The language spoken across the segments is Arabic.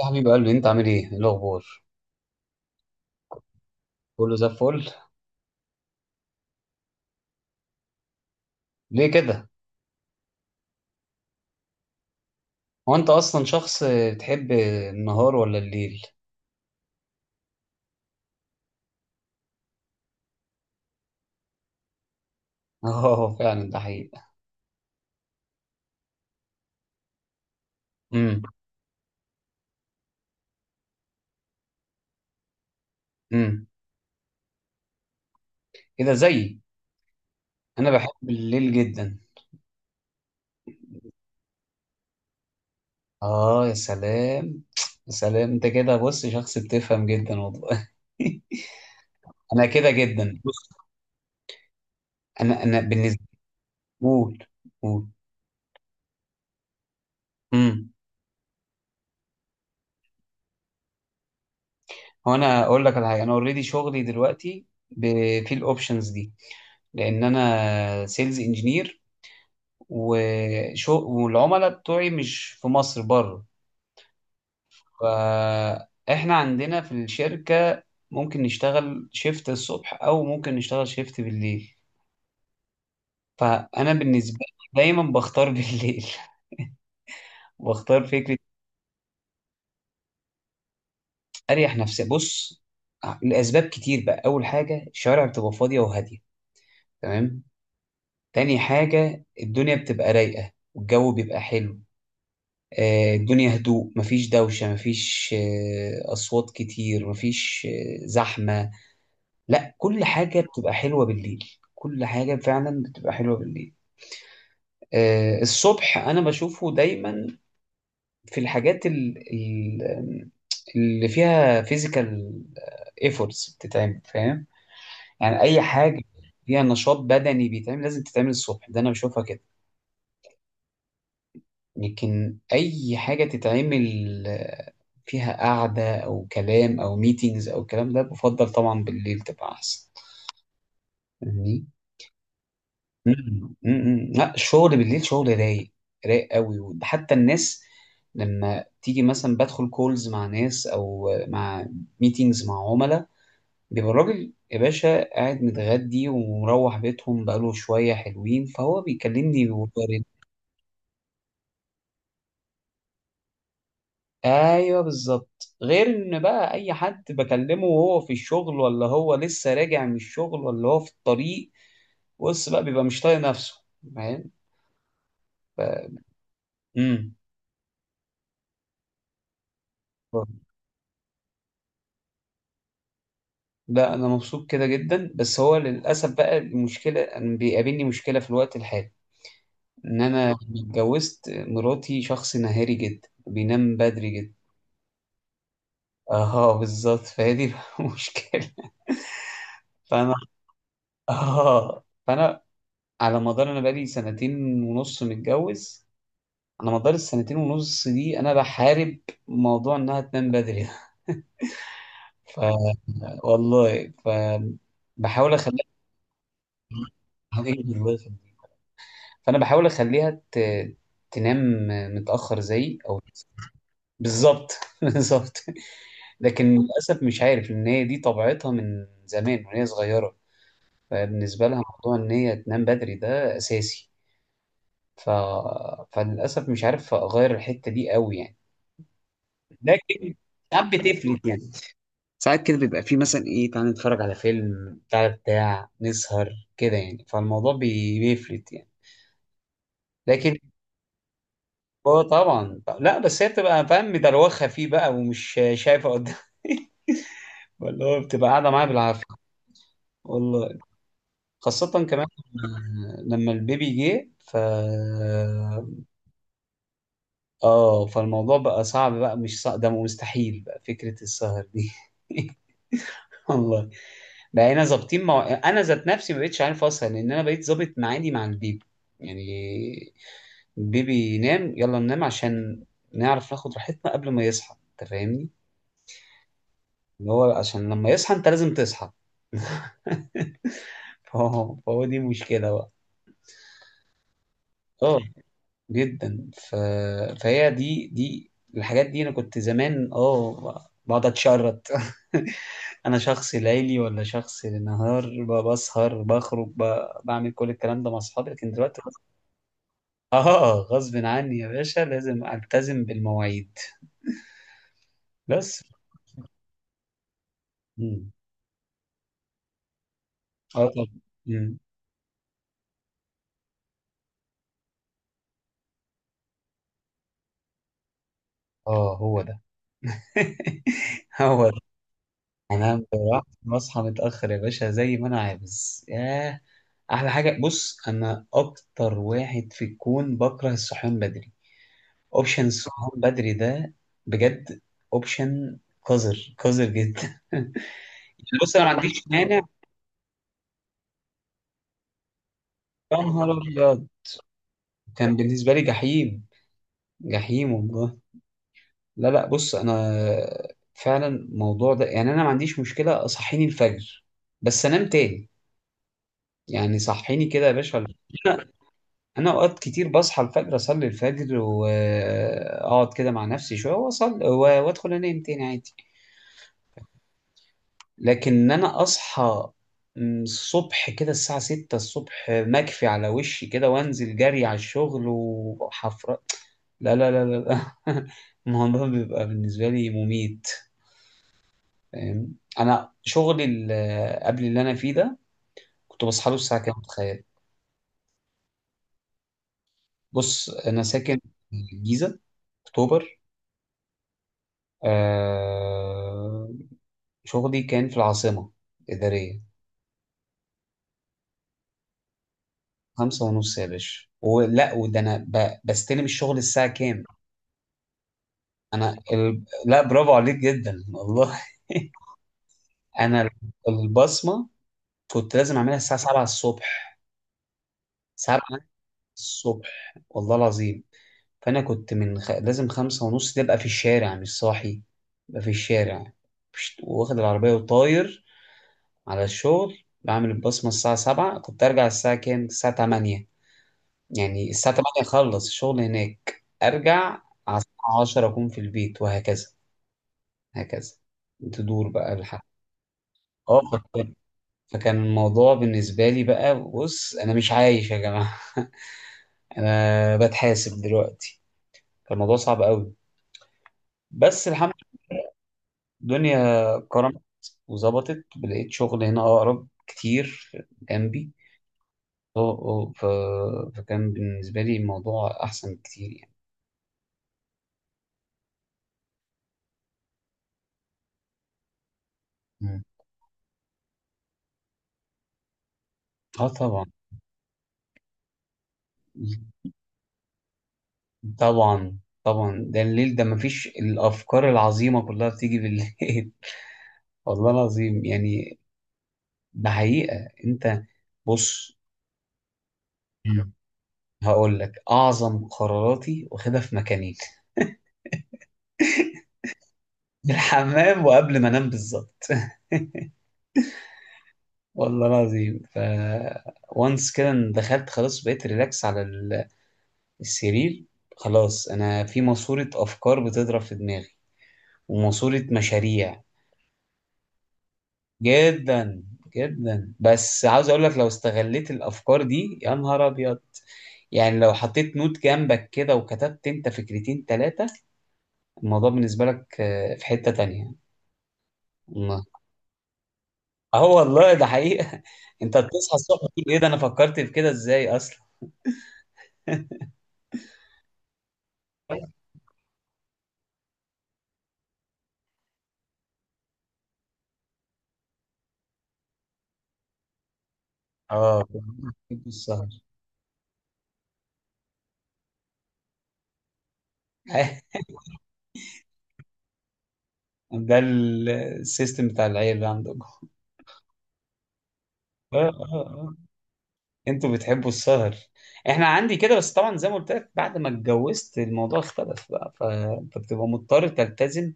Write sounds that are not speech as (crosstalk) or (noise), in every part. يا حبيب قلبي، انت عامل ايه؟ ايه الاخبار؟ كله زي الفل. ليه كده؟ هو انت اصلا شخص بتحب النهار ولا الليل؟ (laughs) اه، فعلا ده حقيقة. امم امم كده زيي. انا بحب الليل جدا. اه يا سلام، يا سلام، انت كده، بص، شخص بتفهم جدا والله. (laughs) انا كده جدا، بص، انا بالنسبه. قول قول. امم هو انا اقول لك على حاجه، انا اوريدي شغلي دلوقتي في الاوبشنز دي، لان انا سيلز انجينير وشو، والعملاء بتوعي مش في مصر، بره. فاحنا عندنا في الشركة ممكن نشتغل شيفت الصبح او ممكن نشتغل شيفت بالليل. فانا بالنسبة لي دايما بختار (laughs) بالليل. بختار فكرة اريح نفسي. بص، لاسباب كتير بقى. اول حاجة، الشوارع بتبقى فاضية وهادية، تمام؟ تاني حاجة، الدنيا بتبقى رايقة والجو بيبقى حلو. الدنيا هدوء، مفيش دوشة، مفيش أصوات كتير، مفيش زحمة. لا، كل حاجة بتبقى حلوة بالليل. كل حاجة فعلا بتبقى حلوة بالليل. الصبح أنا بشوفه دايما في الحاجات اللي فيها فيزيكال ايفورتس بتتعمل، فاهم؟ يعني أي حاجة فيها نشاط بدني بيتعمل لازم تتعمل الصبح، ده أنا بشوفها كده. لكن أي حاجة تتعمل آه، فيها قعدة أو كلام أو ميتينجز أو الكلام ده، بفضل طبعا بالليل تبقى أحسن. فاهمني؟ لا، الشغل بالليل شغل رايق. رايق قوي. وده حتى الناس لما تيجي مثلا، بدخل كولز مع ناس أو مع ميتينجز مع عملاء، بيبقى الراجل يا باشا قاعد متغدي ومروح بيتهم بقاله شوية، حلوين، فهو بيكلمني. ايوه، بالظبط. غير ان بقى اي حد بكلمه وهو في الشغل، ولا هو لسه راجع من الشغل، ولا هو في الطريق، بص بقى، بيبقى مش طايق نفسه. فاهم؟ ف... امم لا، انا مبسوط كده جدا، بس هو للاسف بقى المشكله، أنا بيقابلني مشكله في الوقت الحالي، ان انا اتجوزت مراتي شخص نهاري جدا، بينام بدري جدا. اه بالظبط، فهي دي بقى (laughs) المشكله. فانا اه فانا على مدار، انا بقالي سنتين ونص متجوز، على مدار السنتين ونص دي انا بحارب موضوع انها تنام بدري ده. ف والله ف بحاول اخليها. (laughs) إيه، الله يخليك. فانا بحاول اخليها تنام متاخر زي او. بالظبط. (laughs) بالظبط. لكن للاسف مش عارف، ان هي دي طبيعتها من زمان وهي صغيره. فبالنسبه لها موضوع ان هي تنام بدري ده اساسي. ف... فللاسف مش عارف اغير الحته دي قوي، يعني. لكن ساعات بتفلت، يعني. ساعات كده بيبقى فيه مثلا، ايه تعالى نتفرج على فيلم بتاع بتاع، نسهر كده، يعني. فالموضوع بيفلت، يعني. لكن هو طبعا لا، بس هي بتبقى، فاهم، مدروخه فيه بقى، ومش شايفه قدام. (laughs) ولا هو بتبقى قاعده معايا بالعافيه، والله. خاصه كمان لما البيبي جه. ف اه، فالموضوع بقى صعب، بقى مش صعب ده، مستحيل بقى فكره السهر دي. (laughs) والله، بقينا ظابطين انا ذات نفسي ما بقتش عارف اصلا، لان انا بقيت ظابط معادي مع البيبي، يعني. البيبي ينام، يلا ننام، عشان نعرف ناخد راحتنا قبل ما يصحى. انت فاهمني؟ اللي هو عشان لما يصحى انت لازم تصحى. (laughs) فهو دي مشكلة بقى. اه جدا. فهي دي الحاجات دي، انا كنت زمان اه بقعد اتشرط. (laughs) انا شخص ليلي ولا شخص نهار، بسهر، بخرج، بعمل كل الكلام ده مع اصحابي. لكن دلوقتي اه، غصب عني يا باشا، لازم التزم بالمواعيد. بس مم. اه طب، مم. اه هو ده. (laughs) هو ده. انام براحتي واصحى متاخر يا باشا، زي ما انا عاوز ياه. احلى حاجه. بص، انا اكتر واحد في الكون بكره الصحيان بدري. اوبشن الصحيان بدري ده، بجد، اوبشن قذر، قذر جدا. (laughs) بص انا ما عنديش مانع. يا نهار ابيض، كان بالنسبه لي جحيم، جحيم والله. لا لا، بص انا فعلا الموضوع ده يعني، انا ما عنديش مشكله صحيني الفجر، بس انام تاني، يعني. صحيني كده يا باشا. انا اوقات كتير بصحى الفجر، اصلي الفجر واقعد كده مع نفسي شويه، واصلي وادخل انام تاني، عادي. لكن ان انا اصحى الصبح كده الساعه 6 الصبح، مكفي على وشي كده، وانزل جري على الشغل، وحفرة، لا لا لا لا لا. (laughs) الموضوع بيبقى بالنسبه لي مميت. فاهم؟ انا شغلي قبل اللي انا فيه ده، كنت بصحى له الساعه كام، تخيل؟ بص انا ساكن في الجيزه، اكتوبر. آه، شغلي كان في العاصمة الإدارية. خمسة ونص يا باشا. ولا وده أنا بستلم الشغل الساعة كام؟ لا برافو عليك جدا والله. (laughs) أنا البصمة كنت لازم أعملها الساعة 7 الصبح. 7 الصبح والله العظيم. فأنا كنت من لازم خمسة ونص دي أبقى في الشارع مش صاحي، أبقى في الشارع واخد العربية وطاير على الشغل، بعمل البصمة الساعة 7، كنت أرجع الساعة كام؟ الساعة 8، يعني الساعة 8 أخلص الشغل هناك، أرجع على الساعة 10 أكون في البيت، وهكذا هكذا، تدور بقى الحق. اه فكان فكان الموضوع بالنسبة لي بقى، بص أنا مش عايش يا جماعة. (laughs) أنا بتحاسب دلوقتي. كان الموضوع صعب قوي، بس الحمد لله، الدنيا كرمت وظبطت، لقيت شغل هنا أقرب كتير جنبي. اه اه، فكان بالنسبة لي الموضوع أحسن كتير. مم. اه طبعا. طبعا طبعا، ده الليل ده مفيش، الافكار العظيمه كلها بتيجي بالليل. (laughs) والله العظيم، يعني. ده حقيقه، انت، بص، مم. هقول لك، اعظم قراراتي واخدها في مكانين. (laughs) في الحمام، وقبل ما انام، بالظبط. (laughs) والله العظيم. وانس كده إن دخلت خلاص، بقيت ريلاكس على السرير، خلاص انا في ماسوره افكار بتضرب في دماغي، وماسوره مشاريع. جدا. جدا. بس عاوز اقول لك، لو استغليت الافكار دي يا نهار ابيض، يعني لو حطيت نوت جنبك كده وكتبت انت فكرتين ثلاثة، الموضوع بالنسبة لك في حتة تانية، والله. اه والله ده حقيقة. (laughs) انت بتصحى الصبح تقول ايه ده، انا فكرت في كده ازاي اصلا؟ اه. (laughs) السهر. (laughs) ده السيستم بتاع العيال اللي عندكم. اه آه. انتوا بتحبوا السهر. احنا عندي كده. بس طبعا زي ما قلت لك، بعد ما اتجوزت الموضوع اختلف بقى، فانت بتبقى مضطر تلتزم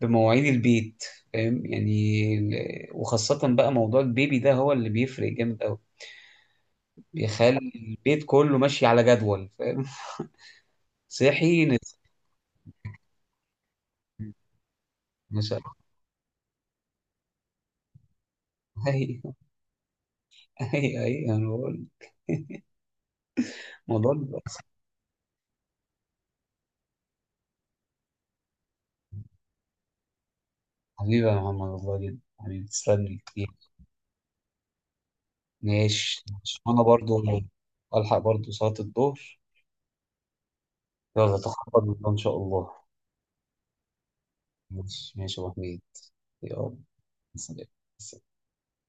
بمواعيد البيت. فاهم يعني؟ وخاصة بقى موضوع البيبي ده، هو اللي بيفرق جامد قوي، بيخلي البيت كله ماشي على جدول. فاهم؟ صحي، نزل. ما شاء الله. (laughs) اي اي انا بقول الموضوع حبيبي يا محمد، والله جدا حبيبي، تسلم لي كتير. ماشي، ماشي. وانا برضو الحق برضو صلاة الظهر. يلا، تخرج ان شاء الله. ماشي، ماشي يا ابو حميد. يلا. سلام.